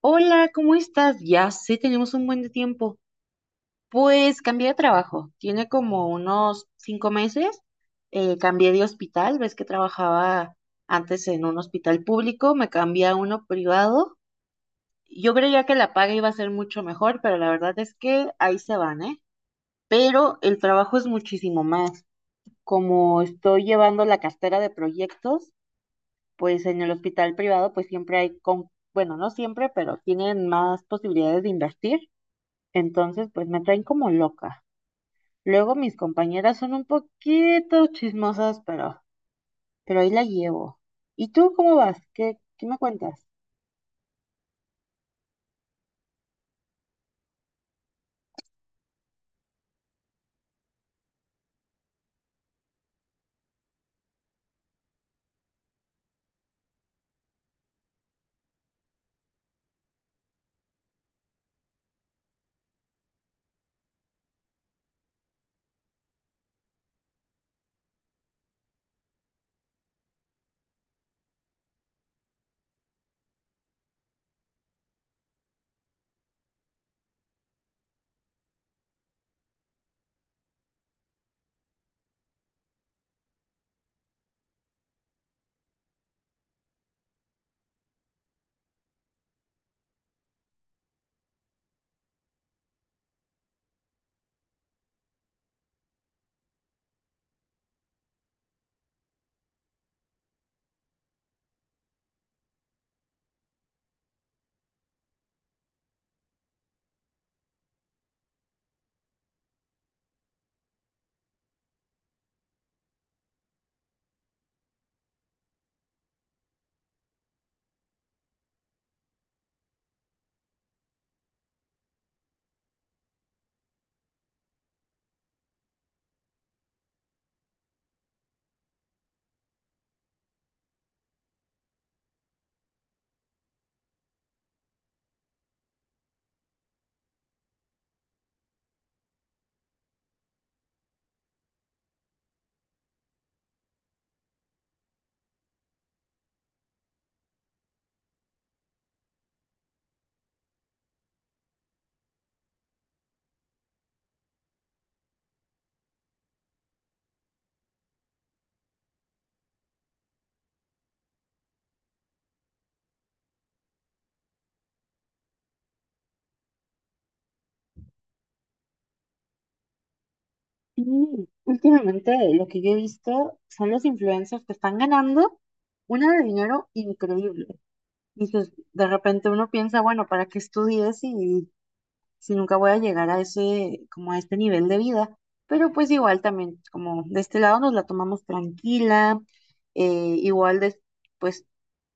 Hola, ¿cómo estás? Ya sé, tenemos un buen de tiempo. Pues cambié de trabajo. Tiene como unos cinco meses. Cambié de hospital. Ves que trabajaba antes en un hospital público, me cambié a uno privado. Yo creía que la paga iba a ser mucho mejor, pero la verdad es que ahí se van, ¿eh? Pero el trabajo es muchísimo más. Como estoy llevando la cartera de proyectos, pues en el hospital privado, pues siempre hay, con... bueno, no siempre, pero tienen más posibilidades de invertir. Entonces, pues me traen como loca. Luego mis compañeras son un poquito chismosas, pero ahí la llevo. ¿Y tú cómo vas? ¿Qué me cuentas? Sí, últimamente lo que yo he visto son los influencers que están ganando una de dinero increíble. Y pues de repente uno piensa, bueno, ¿para qué estudies si, si nunca voy a llegar a ese, como a este nivel de vida? Pero pues igual también, como de este lado nos la tomamos tranquila, eh, igual de, pues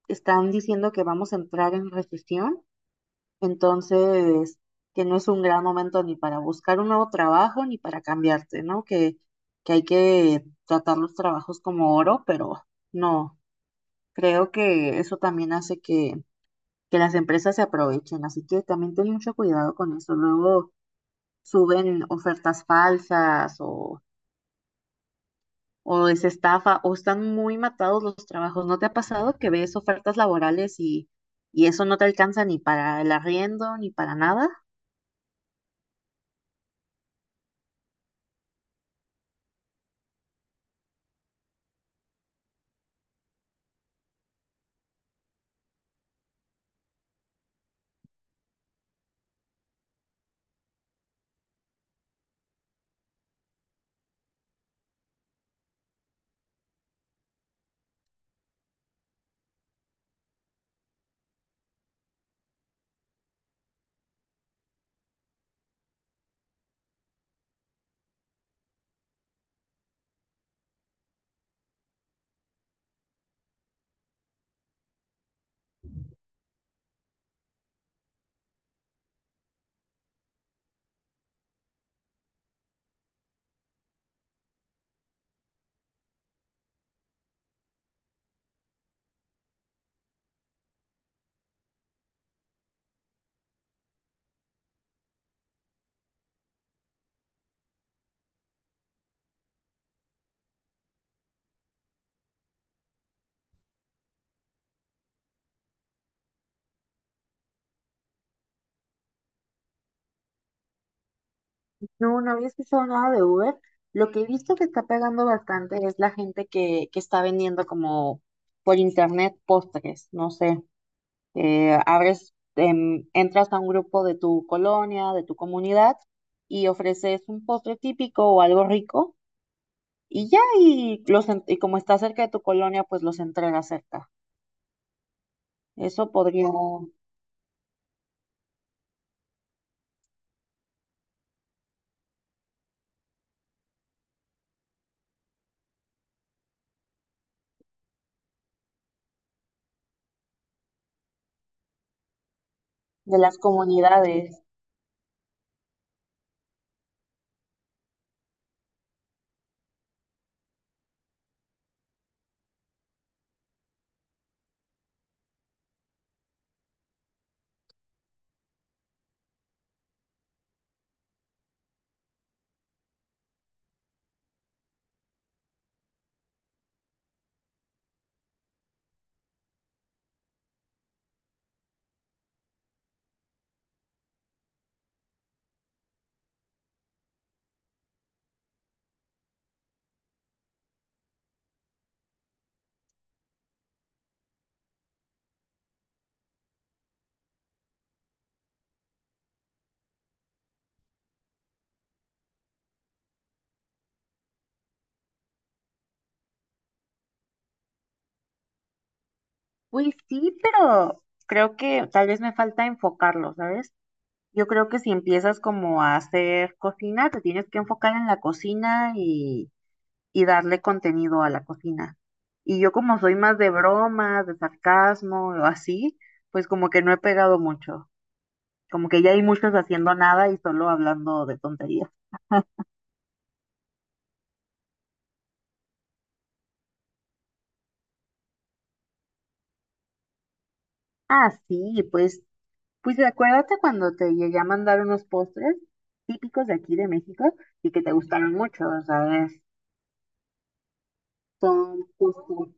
están diciendo que vamos a entrar en recesión, entonces que no es un gran momento ni para buscar un nuevo trabajo ni para cambiarte, ¿no? Que hay que tratar los trabajos como oro, pero no, creo que eso también hace que las empresas se aprovechen, así que también ten mucho cuidado con eso. Luego suben ofertas falsas o es estafa, o están muy matados los trabajos. ¿No te ha pasado que ves ofertas laborales y eso no te alcanza ni para el arriendo, ni para nada? No, no había escuchado nada de Uber. Lo que he visto que está pegando bastante es la gente que está vendiendo como por internet postres, no sé, abres, entras a un grupo de tu colonia, de tu comunidad y ofreces un postre típico o algo rico. Y ya, y, los, y como está cerca de tu colonia, pues los entrega cerca. Eso podría, de las comunidades. Pues sí, pero creo que tal vez me falta enfocarlo, ¿sabes? Yo creo que si empiezas como a hacer cocina, te tienes que enfocar en la cocina y darle contenido a la cocina. Y yo como soy más de bromas, de sarcasmo o así, pues como que no he pegado mucho. Como que ya hay muchos haciendo nada y solo hablando de tonterías. Ah, sí, pues pues acuérdate cuando te llegué a mandar unos postres típicos de aquí de México y que te gustaron mucho, ¿sabes? Son justo.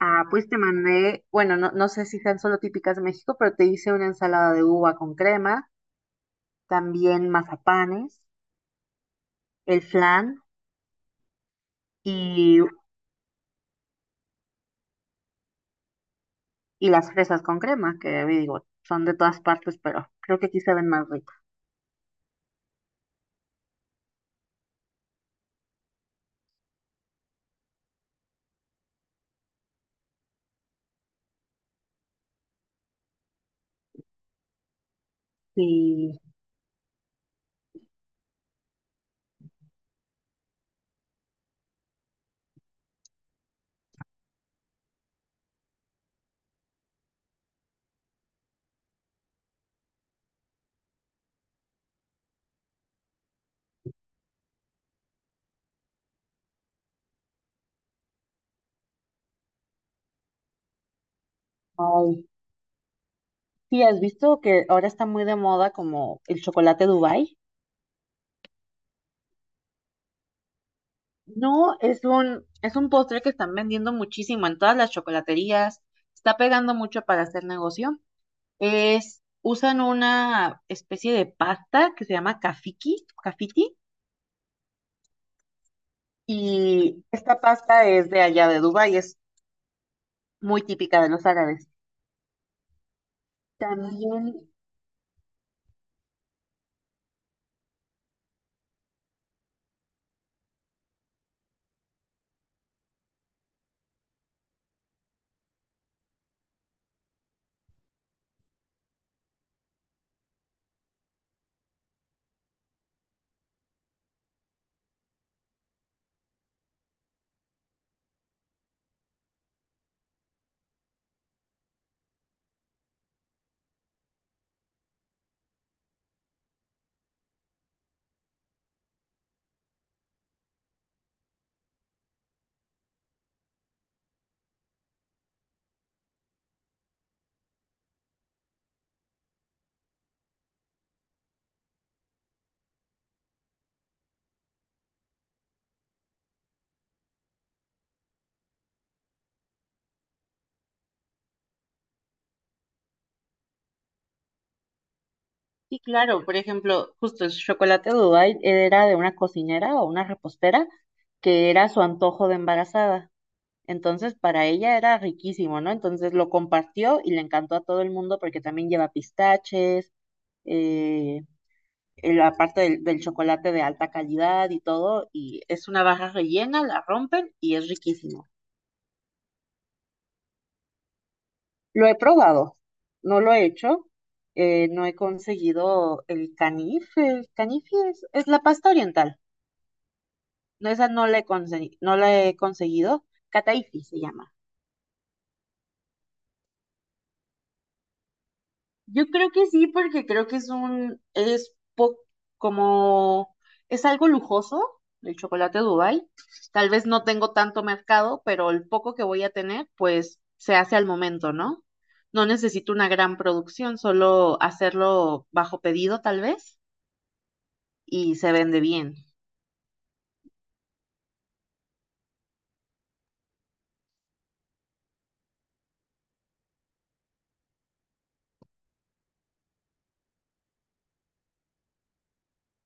Ah, pues te mandé, bueno, no, no sé si sean solo típicas de México, pero te hice una ensalada de uva con crema, también mazapanes, el flan y, y las fresas con crema, que digo, son de todas partes, pero creo que aquí se ven más ricas. Sí, ay. Sí, ¿has visto que ahora está muy de moda como el chocolate Dubai? No, es un postre que están vendiendo muchísimo en todas las chocolaterías. Está pegando mucho para hacer negocio. Es, usan una especie de pasta que se llama kafiki, kafiti, y esta pasta es de allá de Dubái, es muy típica de los árabes. También, sí, claro, por ejemplo, justo el chocolate de Dubái era de una cocinera o una repostera que era su antojo de embarazada. Entonces, para ella era riquísimo, ¿no? Entonces lo compartió y le encantó a todo el mundo porque también lleva pistaches, eh, la parte del, del chocolate de alta calidad y todo. Y es una barra rellena, la rompen y es riquísimo. Lo he probado, no lo he hecho, no he conseguido el canife. El canife es la pasta oriental. No, esa no la he, no la he conseguido. Cataifi se llama. Yo creo que sí, porque creo que es un, es po- como, es algo lujoso el chocolate Dubai. Tal vez no tengo tanto mercado, pero el poco que voy a tener, pues se hace al momento, ¿no? No necesito una gran producción, solo hacerlo bajo pedido tal vez y se vende bien.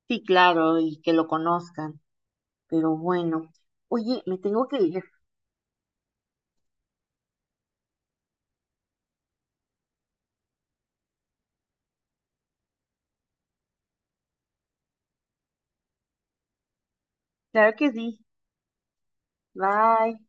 Sí, claro, y que lo conozcan, pero bueno. Oye, me tengo que ir. Claro que sí. Bye.